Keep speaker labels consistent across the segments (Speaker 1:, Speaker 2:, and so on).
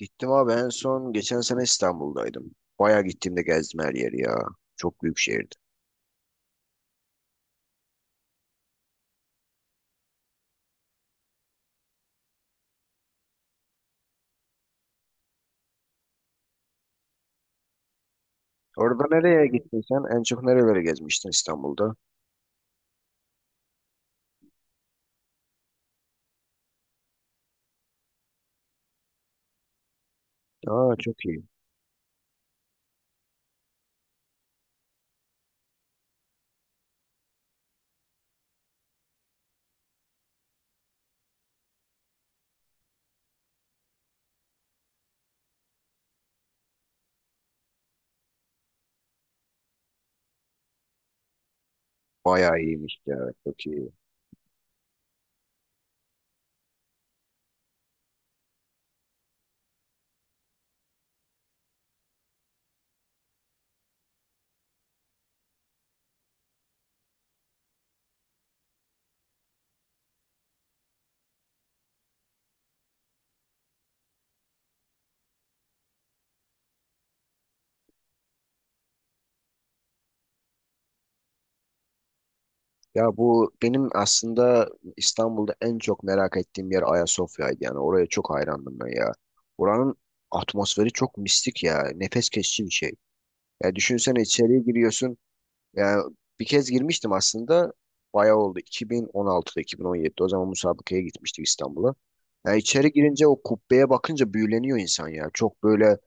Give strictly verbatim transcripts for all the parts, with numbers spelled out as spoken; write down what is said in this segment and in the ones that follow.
Speaker 1: Gittim abi, en son geçen sene İstanbul'daydım. Bayağı gittiğimde gezdim her yeri ya. Çok büyük şehirdi. Orada nereye gittin sen? En çok nerelere gezmiştin İstanbul'da? Aa, çok iyi. Bayağı iyiymiş ya. Çok iyi. Ya bu benim aslında İstanbul'da en çok merak ettiğim yer Ayasofya'ydı. Yani oraya çok hayrandım ben ya. Oranın atmosferi çok mistik ya. Nefes kesici bir şey. Ya düşünsene, içeriye giriyorsun. Yani bir kez girmiştim aslında. Bayağı oldu. iki bin on altıda, iki bin on yedide. O zaman müsabakaya gitmiştik İstanbul'a. Yani içeri girince o kubbeye bakınca büyüleniyor insan ya. Çok böyle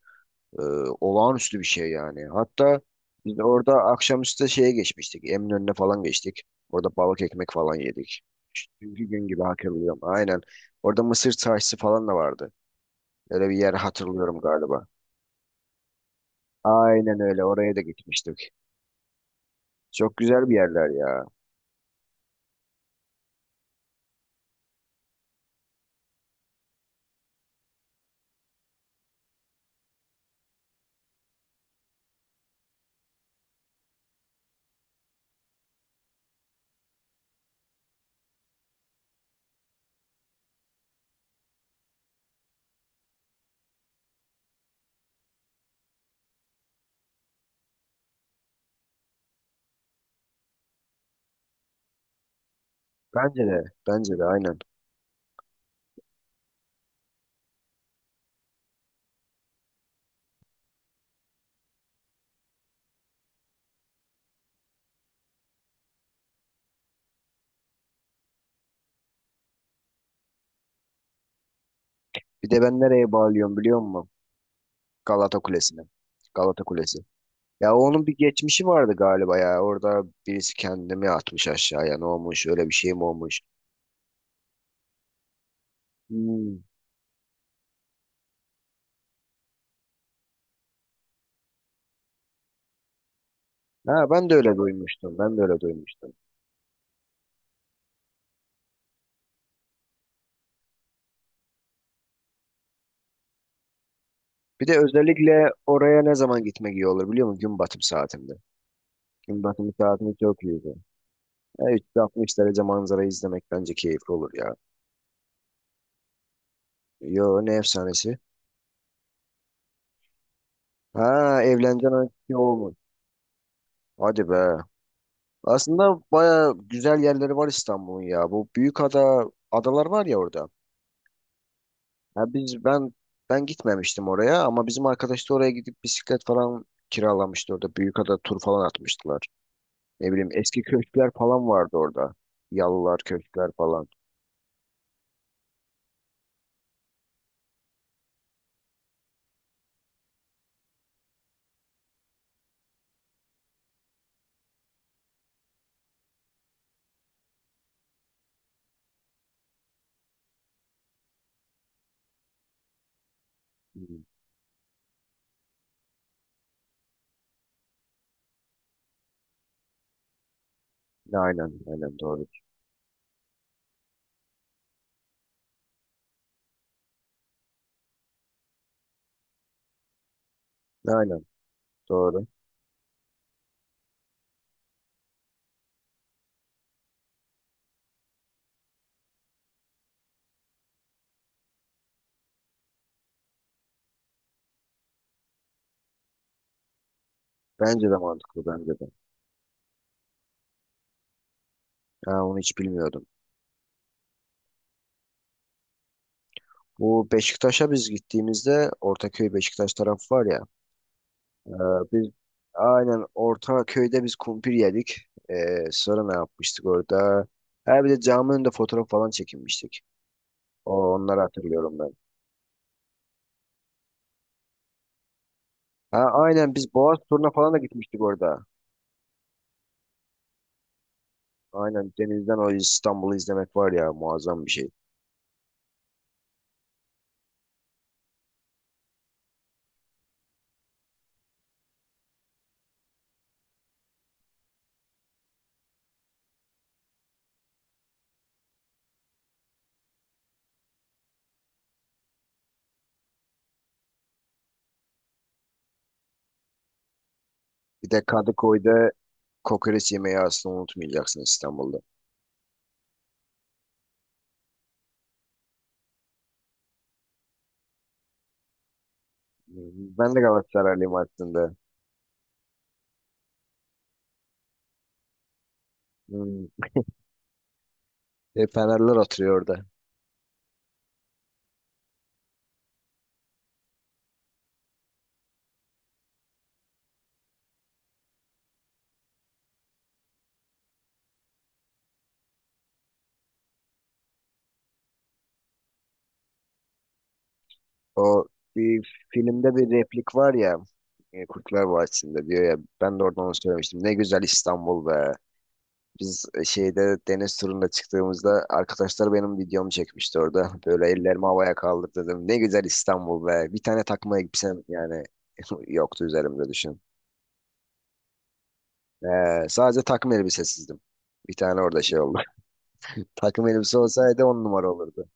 Speaker 1: e, olağanüstü bir şey yani. Hatta biz de orada akşamüstü şeye geçmiştik, Eminönü'ne falan geçtik. Orada balık ekmek falan yedik. Çünkü gün gibi hatırlıyorum. Aynen. Orada mısır çarşısı falan da vardı. Öyle bir yer hatırlıyorum galiba. Aynen öyle. Oraya da gitmiştik. Çok güzel bir yerler ya. Bence de. Bence de aynen. Bir de ben nereye bağlıyorum biliyor musun? Galata Kulesi'ne. Galata Kulesi. Ya onun bir geçmişi vardı galiba ya. Orada birisi kendini atmış aşağıya. Ne olmuş? Öyle bir şey mi olmuş? Hmm. Ha, ben de öyle duymuştum. Ben de öyle duymuştum. Bir de özellikle oraya ne zaman gitmek iyi olur biliyor musun? Gün batım saatinde. Gün batımı saatinde çok iyiydi. Ya, üç yüz altmış derece manzarayı izlemek bence keyifli olur ya. Yo, ne efsanesi? Ha, evleneceğin anki olmuş. Hadi be. Aslında baya güzel yerleri var İstanbul'un ya. Bu büyük ada, adalar var ya orada. Ya biz ben ben gitmemiştim oraya ama bizim arkadaş da oraya gidip bisiklet falan kiralamıştı orada. Büyükada tur falan atmıştılar. Ne bileyim, eski köşkler falan vardı orada. Yalılar, köşkler falan. Hmm. Aynen, aynen doğru. Aynen doğru. Bence de mantıklı, bence de. Ha, onu hiç bilmiyordum. Bu Beşiktaş'a biz gittiğimizde Ortaköy Beşiktaş tarafı var ya. Ee, biz aynen orta köyde biz kumpir yedik. Ee, sonra ne yapmıştık orada? Ha bir de caminin önünde fotoğraf falan çekinmiştik. O, onları hatırlıyorum ben. Ha aynen, biz Boğaz turuna falan da gitmiştik orada. Aynen denizden o İstanbul'u izlemek var ya, muazzam bir şey. Bir de Kadıköy'de kokoreç yemeği aslında unutmayacaksın İstanbul'da. Hmm, ben de Galatasaraylıyım aslında. Hmm. Hep Fenerler oturuyor orada. O bir filmde bir replik var ya, e, Kurtlar Vadisi'nde diyor ya, ben de oradan onu söylemiştim. Ne güzel İstanbul be. Biz e, şeyde deniz turuna çıktığımızda arkadaşlar benim videomu çekmişti orada. Böyle ellerimi havaya kaldırdım. Ne güzel İstanbul be. Bir tane takma elbisem yani yoktu üzerimde, düşün. Ee, sadece takım elbisesizdim. Bir tane orada şey oldu. Takım elbise olsaydı on numara olurdu.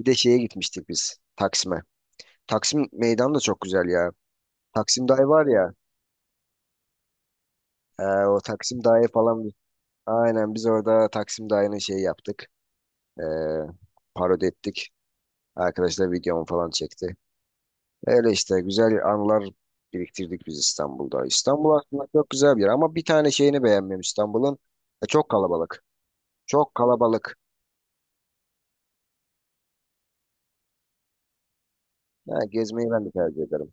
Speaker 1: Bir de şeye gitmiştik biz, Taksim'e. Taksim meydan da çok güzel ya. Taksim Dağı var ya. Ee, o Taksim Dağı falan. biz- Aynen biz orada Taksim Dağı'nı şeyi yaptık. Ee, parodi ettik. Arkadaşlar videomu falan çekti. Öyle işte, güzel anılar biriktirdik biz İstanbul'da. İstanbul aslında çok güzel bir yer ama bir tane şeyini beğenmiyorum İstanbul'un. E, çok kalabalık. Çok kalabalık. Ha, gezmeyi ben de tercih ederim.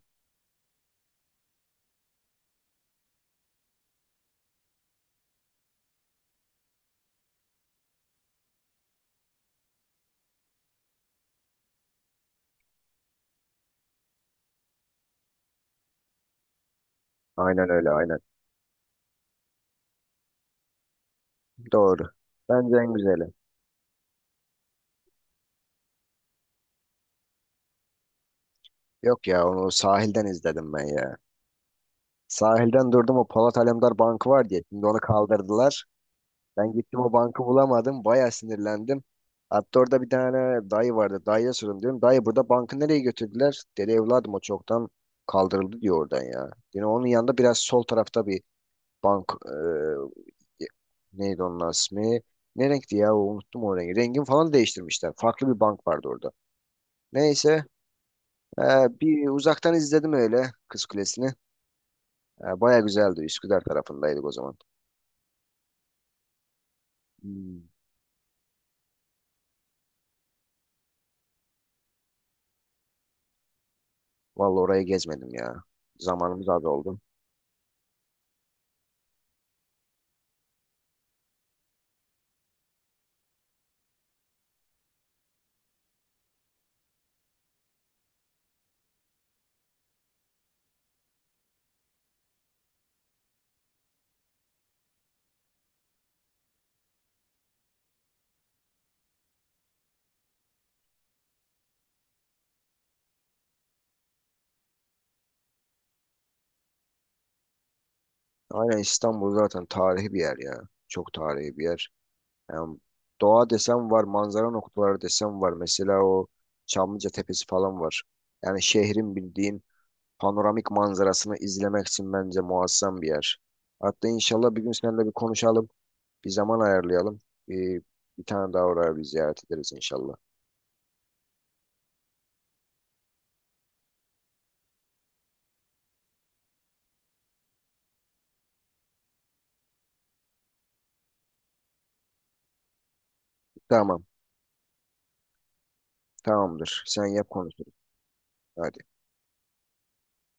Speaker 1: Aynen öyle, aynen. Doğru. Bence en güzeli. Yok ya, onu sahilden izledim ben ya. Sahilden durdum, o Polat Alemdar Bankı var diye. Şimdi onu kaldırdılar. Ben gittim, o bankı bulamadım. Bayağı sinirlendim. Hatta orada bir tane dayı vardı. Dayıya sordum, diyorum, dayı burada bankı nereye götürdüler? Dedi, evladım o çoktan kaldırıldı, diyor oradan ya. Yine onun yanında biraz sol tarafta bir bank, e, neydi onun ismi? Ne renkti ya? Unuttum o rengi. Rengini falan değiştirmişler. Farklı bir bank vardı orada. Neyse, e, bir uzaktan izledim öyle Kız Kulesi'ni. E, baya güzeldi. Üsküdar tarafındaydık o zaman. Hmm. Vallahi orayı gezmedim ya. Zamanımız az oldu. Aynen, İstanbul zaten tarihi bir yer ya. Çok tarihi bir yer. Yani doğa desem var, manzara noktaları desem var. Mesela o Çamlıca Tepesi falan var. Yani şehrin bildiğin panoramik manzarasını izlemek için bence muazzam bir yer. Hatta inşallah bir gün seninle bir konuşalım. Bir zaman ayarlayalım. Bir, bir tane daha oraya bir ziyaret ederiz inşallah. Tamam, tamamdır. Sen yap, konuşuruz. Hadi.